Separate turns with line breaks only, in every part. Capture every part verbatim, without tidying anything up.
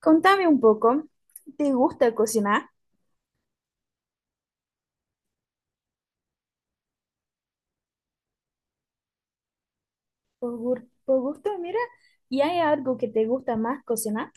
Contame un poco, ¿te gusta cocinar? Por, gu- por gusto, mira, ¿y hay algo que te gusta más cocinar?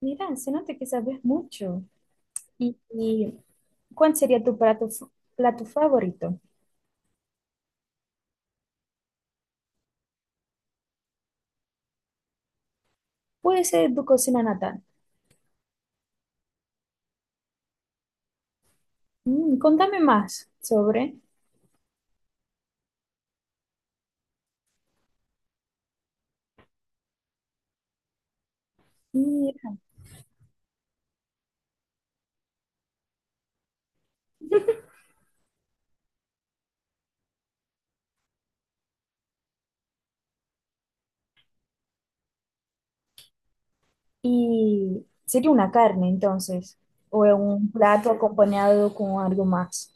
Mira, se nota que sabes mucho. ¿Y, y cuál sería tu plato, f- plato favorito? Puede ser tu cocina natal. Mm, contame más sobre. Y, y sería una carne entonces, o un plato acompañado con algo más.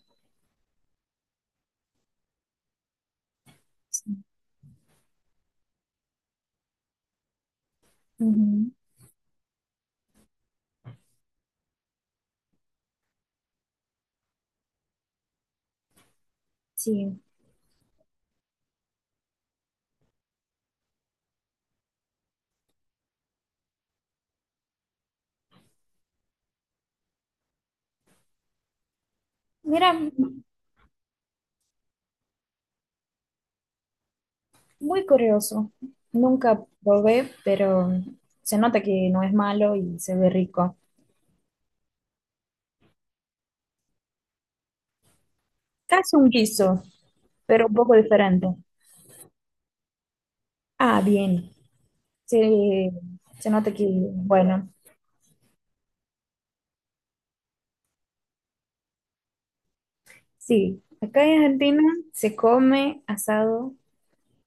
Sí. Ujú, sí. Mira. Muy curioso. Nunca probé, pero se nota que no es malo y se ve rico. Casi un guiso, pero un poco diferente. Ah, bien. Se, Se nota que, bueno, sí. Acá en Argentina se come asado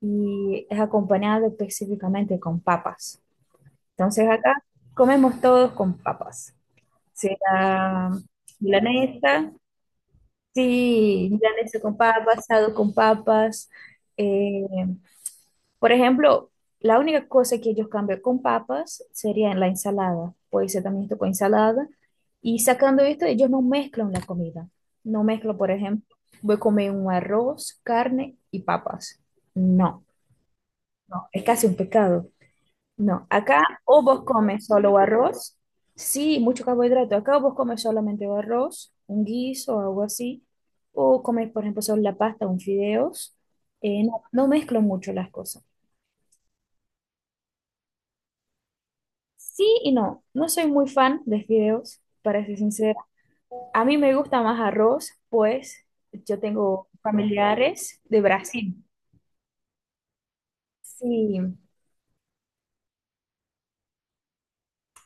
y es acompañado específicamente con papas. Entonces acá comemos todos con papas. Sea milanesa. Sí, milanesa con papas, asado con papas. eh, por ejemplo, la única cosa que ellos cambian con papas sería en la ensalada. Puede ser también esto con ensalada. Y sacando esto, ellos no mezclan la comida. No mezclan, por ejemplo, voy a comer un arroz, carne y papas. No, no, es casi un pecado. No, acá o vos comes solo arroz, sí, mucho carbohidrato, acá o vos comes solamente o arroz, un guiso o algo así, o comes, por ejemplo, solo la pasta, un fideos. Eh, no, no mezclo mucho las cosas. Sí y no, no soy muy fan de fideos, para ser sincera. A mí me gusta más arroz, pues yo tengo familiares de Brasil. Sí,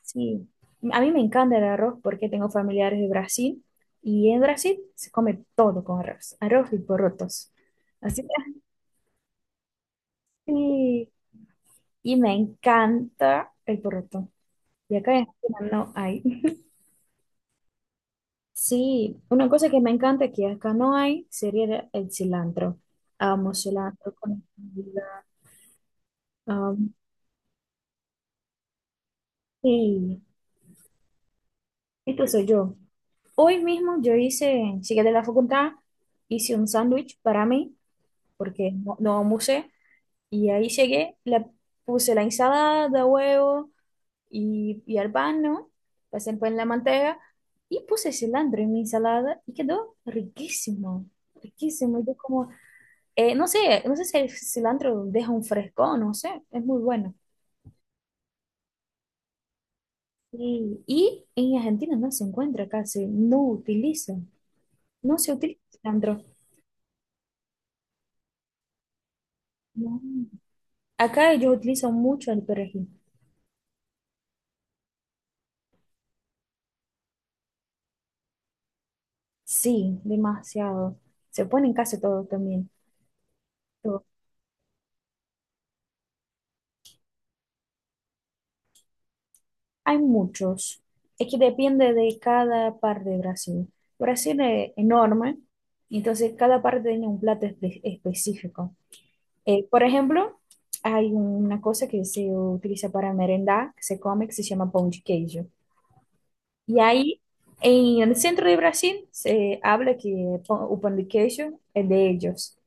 sí. A mí me encanta el arroz porque tengo familiares de Brasil y en Brasil se come todo con arroz, arroz y porotos. Así que sí, y me encanta el poroto. Y acá en Argentina no hay. Sí, una cosa que me encanta que acá no hay sería el cilantro. Amo cilantro con vida. Am, sí, esto soy yo. Hoy mismo yo hice, llegué de la facultad, hice un sándwich para mí porque no, no almorcé. Y ahí llegué, le puse la ensalada, huevo y, y al pan, ¿no? Pasé el pan en la manteca y puse cilantro en mi ensalada y quedó riquísimo, riquísimo. Yo como, eh, no sé, no sé si el cilantro deja un fresco, no sé, es muy bueno. Y, y en Argentina no se encuentra casi, no utiliza, no se utiliza cilantro. No. Acá ellos utilizan mucho el perejil. Sí, demasiado. Se pone en casi todo también. Hay muchos. Es que depende de cada parte de Brasil. Brasil es enorme, entonces cada parte tiene un plato espe- específico. Eh, por ejemplo, hay una cosa que se utiliza para merendar, que se come, que se llama pão de queijo. Y ahí, en el centro de Brasil, se habla que pão- o pão de queijo es de ellos,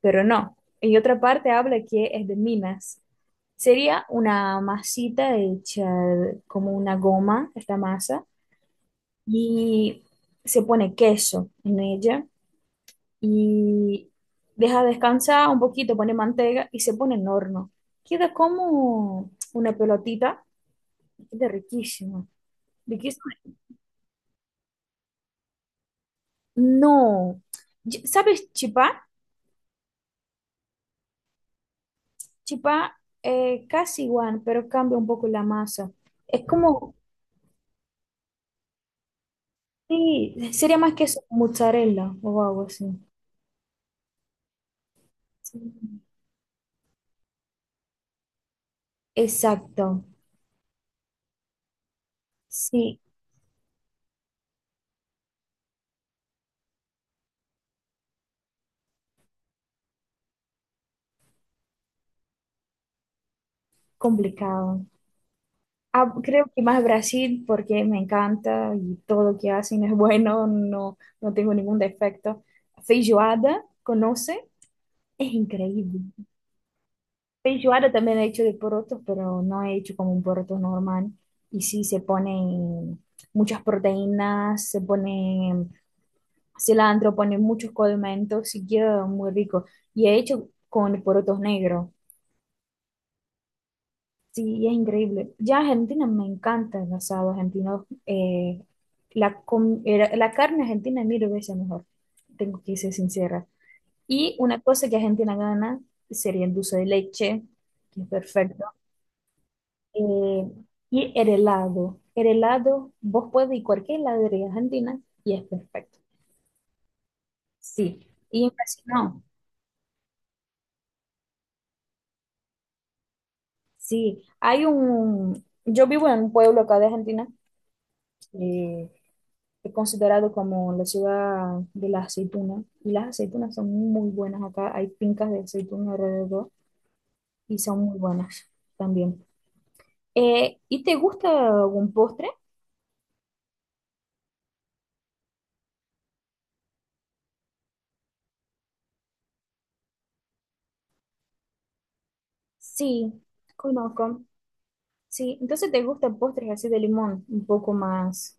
pero no. En otra parte habla que es de Minas. Sería una masita hecha como una goma, esta masa y se pone queso en ella y deja descansar un poquito, pone manteca y se pone en horno. Queda como una pelotita, queda riquísimo. Riquísimo. No, Ch- ¿sabes chipá? Chipá eh, casi igual, pero cambia un poco la masa. Es como, sí, sería más queso con mozzarella o algo así. Sí. Exacto, sí, complicado. Ah, creo que más Brasil porque me encanta y todo lo que hacen es bueno, no, no tengo ningún defecto. Feijoada, ¿conoce? Es increíble. Feijoada también he hecho de porotos, pero no he hecho como un poroto normal. Y sí, se ponen muchas proteínas, se pone cilantro, pone muchos condimentos y queda muy rico. Y he hecho con porotos negros. Sí, es increíble. Ya Argentina me encanta el asado argentino. Eh, la, com- era- la carne argentina es mil veces mejor, tengo que ser sincera. Y una cosa que Argentina gana sería el dulce de leche, que es perfecto. eh, y el helado. El helado, vos puedes ir a cualquier heladería argentina y es perfecto. Sí, y impresionó. Sí, hay un... Yo vivo en un pueblo acá de Argentina. eh, es considerado como la ciudad de las aceitunas. Y las aceitunas son muy buenas acá. Hay fincas de aceituna alrededor y son muy buenas también. Eh, ¿y te gusta algún postre? Sí, conozco. Sí, entonces te gustan postres así de limón, un poco más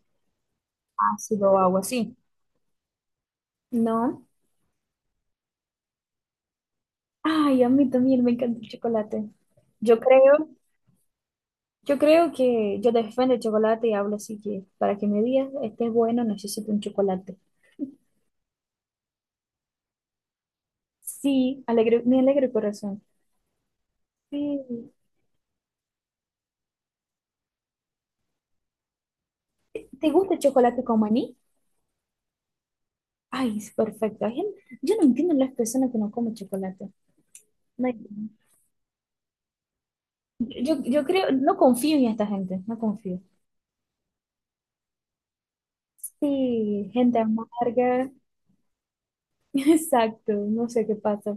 ácido o algo así. No. Ay, a mí también me encanta el chocolate. Yo creo, yo creo que yo defiendo el chocolate y hablo así que para que me digas esté bueno necesito un chocolate. Sí, alegre, mi alegre corazón. Sí. ¿Te gusta el chocolate con maní? Ay, es perfecto. Hay gen- Yo no entiendo las personas que no comen chocolate. No hay- yo, yo creo, no confío en esta gente, no confío. Sí, gente amarga, exacto, no sé qué pasa.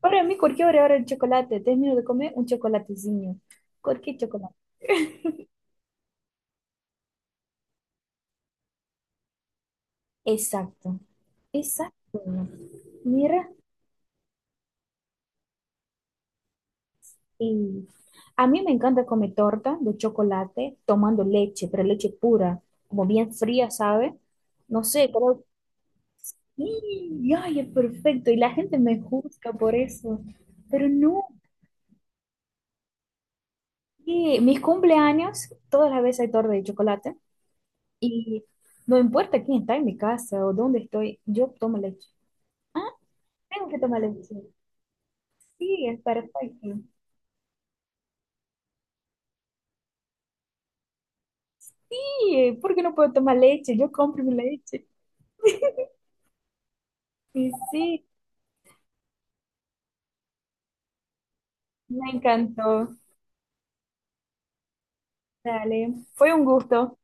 Para mí, cualquier hora, hora el chocolate, termino de comer un chocolatecillo. Cualquier chocolate. Exacto, exacto. Mira. Y a mí me encanta comer torta de chocolate tomando leche, pero leche pura, como bien fría, ¿sabe? No sé, pero ¡y! ¡Ay, es perfecto! Y la gente me juzga por eso. Pero no, que mis cumpleaños, todas las veces hay torta de chocolate. Y no importa quién está en mi casa o dónde estoy, yo tomo leche. Ah, tengo que tomar leche. Sí, es perfecto. Sí, ¿por qué no puedo tomar leche? Yo compro mi leche. Y sí, me encantó. Dale, fue un gusto.